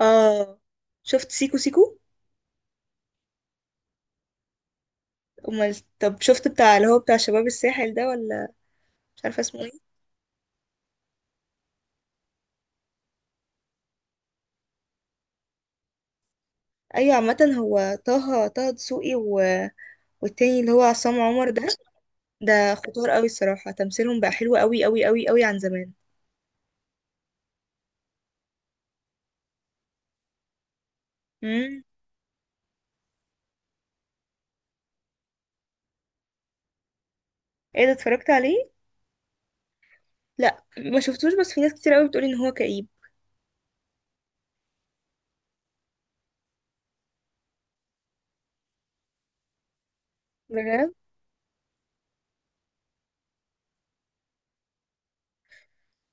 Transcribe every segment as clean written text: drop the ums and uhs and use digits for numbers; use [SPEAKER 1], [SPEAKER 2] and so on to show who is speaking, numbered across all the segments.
[SPEAKER 1] اه. شفت سيكو سيكو. امال طب شفت بتاع اللي هو بتاع شباب الساحل ده ولا مش عارفه اسمه ايه؟ ايوه، عامه هو طه دسوقي و... والتاني اللي هو عصام عمر ده خطار قوي الصراحه، تمثيلهم بقى حلو قوي قوي قوي قوي عن زمان. امم ايه ده، اتفرجت عليه؟ لا، ما شفتوش، بس في ناس كتير قوي بتقول ان هو كئيب. بجد.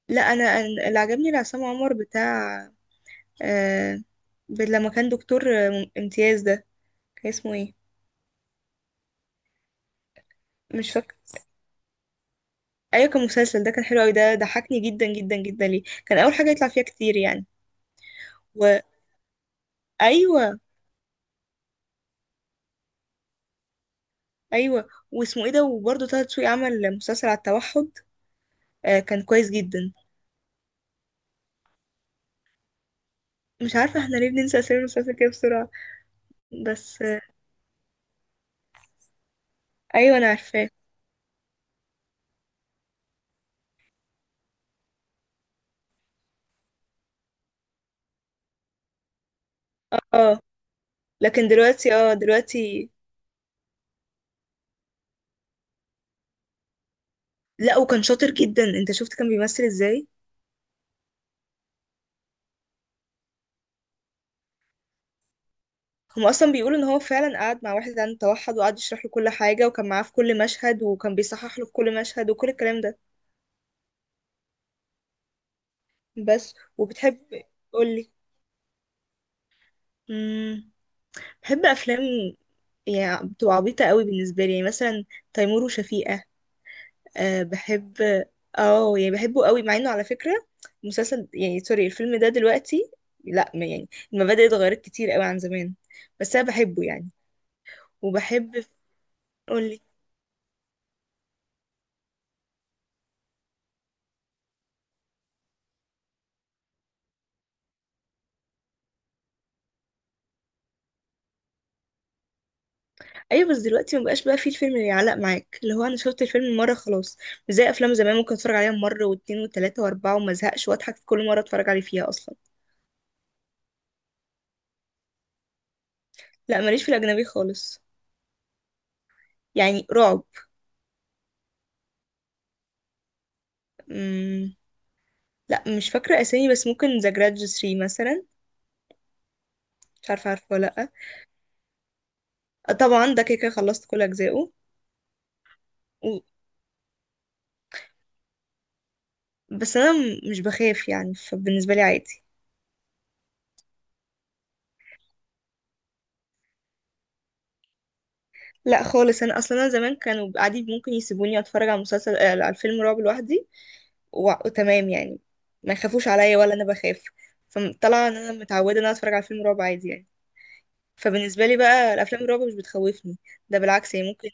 [SPEAKER 1] لا، انا اللي عجبني لعصام عمر بتاع آه... لما كان دكتور امتياز ده، كان اسمه ايه؟ مش فاكر. ايوه كان مسلسل، ده كان حلو قوي، ده ضحكني جدا جدا جدا ليه، كان اول حاجه يطلع فيها كتير يعني. وايوه. ايوه. أيوة. واسمه ايه ده؟ وبرضه طه دسوقي عمل مسلسل على التوحد، آه، كان كويس جدا. مش عارفه احنا ليه بننسى اسامي المسلسل كده بسرعه. بس ايوه انا عارفاه. اه لكن دلوقتي، دلوقتي. لا وكان شاطر جدا، انت شفت كان بيمثل ازاي؟ هم اصلا بيقولوا ان هو فعلا قعد مع واحد عنده توحد وقعد يشرح له كل حاجه، وكان معاه في كل مشهد، وكان بيصحح له في كل مشهد، وكل الكلام ده. بس وبتحب، قولي. مم. بحب افلام، يعني بتبقى عبيطه قوي بالنسبه لي، يعني مثلا تيمور وشفيقة. أه بحب. اه يعني بحبه قوي، مع انه على فكره مسلسل، يعني سوري، الفيلم ده دلوقتي. لا يعني المبادئ اتغيرت كتير قوي عن زمان، بس انا بحبه يعني. وبحب، قولي. ايوه بس دلوقتي ما بقاش بقى فيه الفيلم اللي يعلق معاك، اللي هو انا شفت الفيلم مره خلاص. مش زي افلام زمان، ممكن اتفرج عليها مره واتنين وتلاته واربعه وما ازهقش، واضحك في كل مره اتفرج عليه فيها اصلا. لا ماليش في الاجنبي خالص. يعني رعب. لا مش فاكرة اسامي، بس ممكن ذا جرادج 3 مثلا. مش عارفة، عارفة ولا لأ؟ آه، طبعا ده كده كده خلصت كل أجزائه. و... بس أنا مش بخاف يعني، فبالنسبة لي عادي. لا خالص، أنا أصلا أنا زمان كانوا عادي ممكن يسيبوني أتفرج على مسلسل، على الفيلم رعب لوحدي. و... وتمام يعني، ما يخافوش عليا ولا أنا بخاف. فطلع إن أنا متعودة إن أنا أتفرج على فيلم رعب عادي يعني. فبالنسبة لي بقى الأفلام الرعب مش بتخوفني، ده بالعكس هي ممكن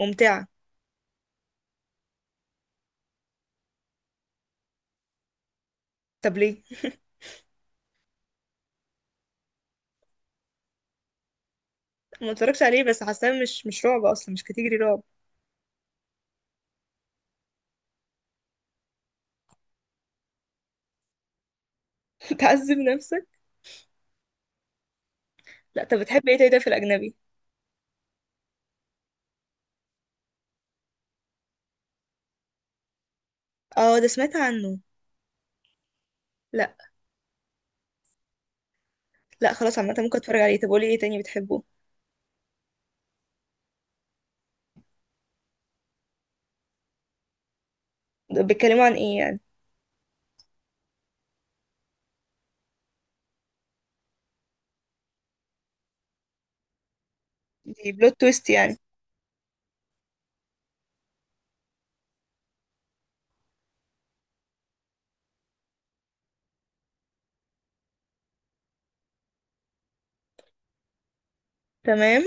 [SPEAKER 1] ممتعة. طب ليه؟ ما اتفرجش عليه بس حاساه مش رعب أصلا، مش كاتيجري رعب. تعذب نفسك؟ لا طب بتحب ايه تاني طيب في الاجنبي؟ اه ده سمعت عنه. لا. لا خلاص عامه ممكن اتفرج عليه، طب قولي ايه تاني بتحبه. ده بيتكلموا عن ايه يعني؟ دي بلوت تويست يعني. تمام.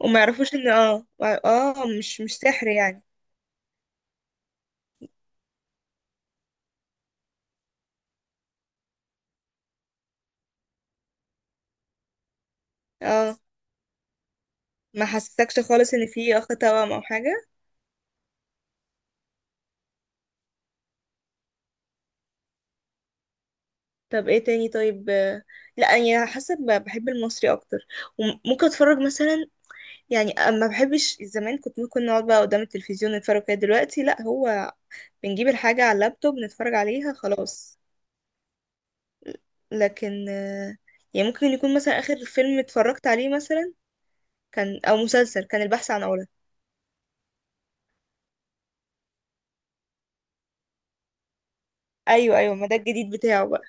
[SPEAKER 1] وما يعرفوش ان اه. اه، مش سحر يعني. اه، ما حسسكش خالص ان في اخ توأم او حاجه. طب ايه تاني طيب؟ لا يعني حسب، بحب المصري اكتر. وممكن اتفرج مثلا. يعني، ما بحبش. زمان كنت ممكن نقعد بقى قدام التلفزيون نتفرج كده، دلوقتي لا، هو بنجيب الحاجه على اللابتوب نتفرج عليها خلاص. لكن يعني ممكن يكون مثلا آخر فيلم اتفرجت عليه، مثلا كان أو مسلسل كان البحث عن علا. أيوه أيوه، ما ده الجديد بتاعه بقى.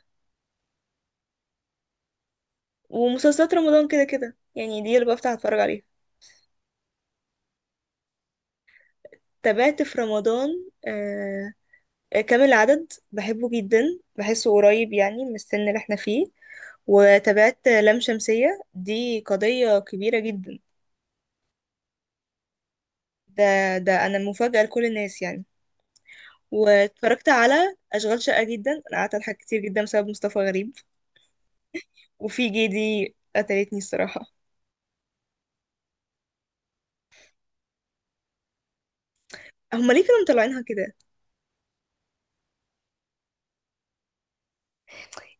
[SPEAKER 1] ومسلسلات رمضان كده كده يعني، دي اللي بفتح أتفرج عليها. تابعت في رمضان. آه كامل العدد بحبه جدا، بحسه قريب يعني من السن اللي احنا فيه. وتابعت لام شمسية، دي قضية كبيرة جدا. ده أنا مفاجأة لكل الناس يعني. واتفرجت على أشغال شقة، جدا أنا قعدت أضحك كتير جدا بسبب مصطفى غريب. وفي GD قتلتني الصراحة. هما ليه كانوا مطلعينها كده؟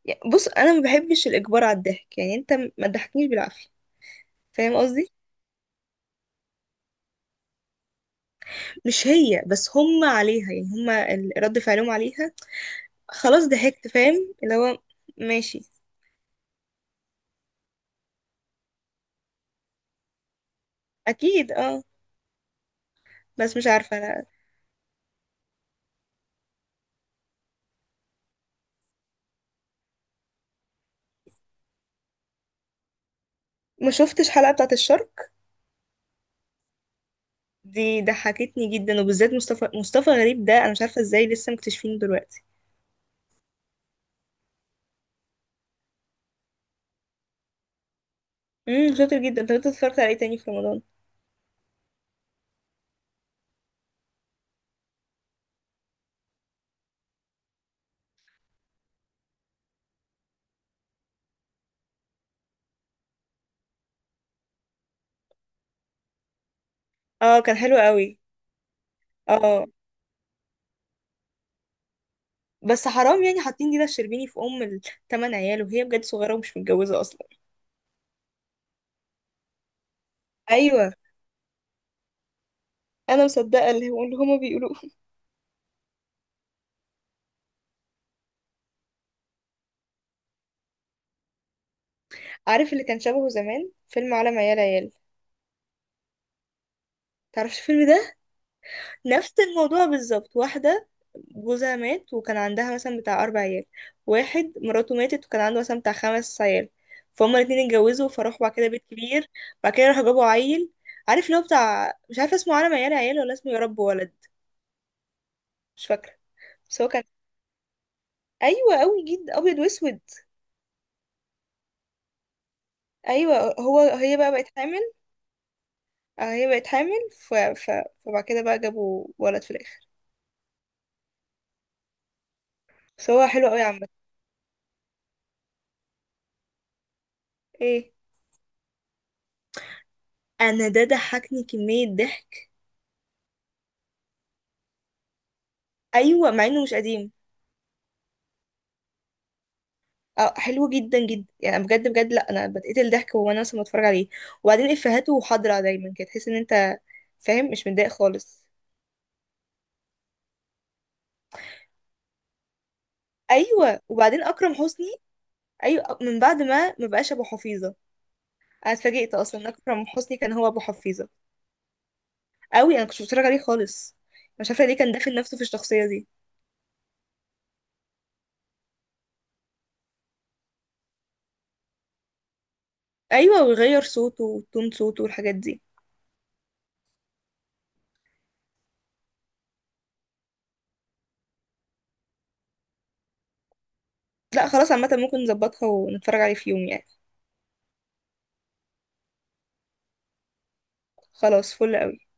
[SPEAKER 1] يعني بص انا ما بحبش الاجبار على الضحك، يعني انت ما تضحكنيش بالعافية. فاهم قصدي؟ مش هي بس، هما عليها، يعني هما رد فعلهم عليها. خلاص ضحكت، فاهم اللي هو. ماشي، اكيد اه. بس مش عارفة انا. ما شفتش حلقة بتاعة الشرق. دي ضحكتني جدا، وبالذات مصطفى غريب ده، انا مش عارفة ازاي لسه مكتشفينه دلوقتي. شاطر جدا. انت كنت اتفرجت على ايه تاني في رمضان؟ اه، كان حلو قوي. اه، بس حرام يعني، حاطين دينا الشربيني في ام الثمان عيال، وهي بجد صغيره ومش متجوزه اصلا. ايوه، انا مصدقه اللي هما بيقولوه. عارف اللي كان شبهه زمان، فيلم عالم عيال عيال؟ تعرفش الفيلم ده؟ نفس الموضوع بالظبط، واحده جوزها مات وكان عندها مثلا بتاع 4 عيال، واحد مراته ماتت وكان عنده مثلا بتاع 5 عيال، فهم الاتنين اتجوزوا فراحوا بعد كده بيت كبير. بعد كده راحوا جابوا عيل. عارف اللي هو بتاع، مش عارفه اسمه عالم عيال عيال ولا اسمه يا رب ولد. مش فاكره بس هو كان. ايوه، قوي جدا، ابيض واسود. ايوه هي بقى بقت حامل. هي بقت حامل. ف... ف... فبعد كده بقى جابوا ولد في الاخر. بس هو حلو قوي عامه. ايه انا، ده ضحكني كمية ضحك. ايوه، مع انه مش قديم. اه حلو جدا جدا يعني، بجد بجد، لا انا بتقتل ضحك وانا اصلا بتفرج عليه. وبعدين افهاته حاضره دايما كده، تحس ان انت فاهم، مش متضايق خالص. ايوه. وبعدين اكرم حسني، ايوه، من بعد ما بقاش ابو حفيظة. انا اتفاجئت اصلا ان اكرم حسني كان هو ابو حفيظه قوي، انا كنتش بتفرج عليه خالص. مش عارفه ليه كان داخل نفسه في الشخصيه دي. ايوه، ويغير صوته وتون صوته والحاجات دي. لا خلاص عامه، ممكن نظبطها ونتفرج عليه في يوم يعني. خلاص فل قوي.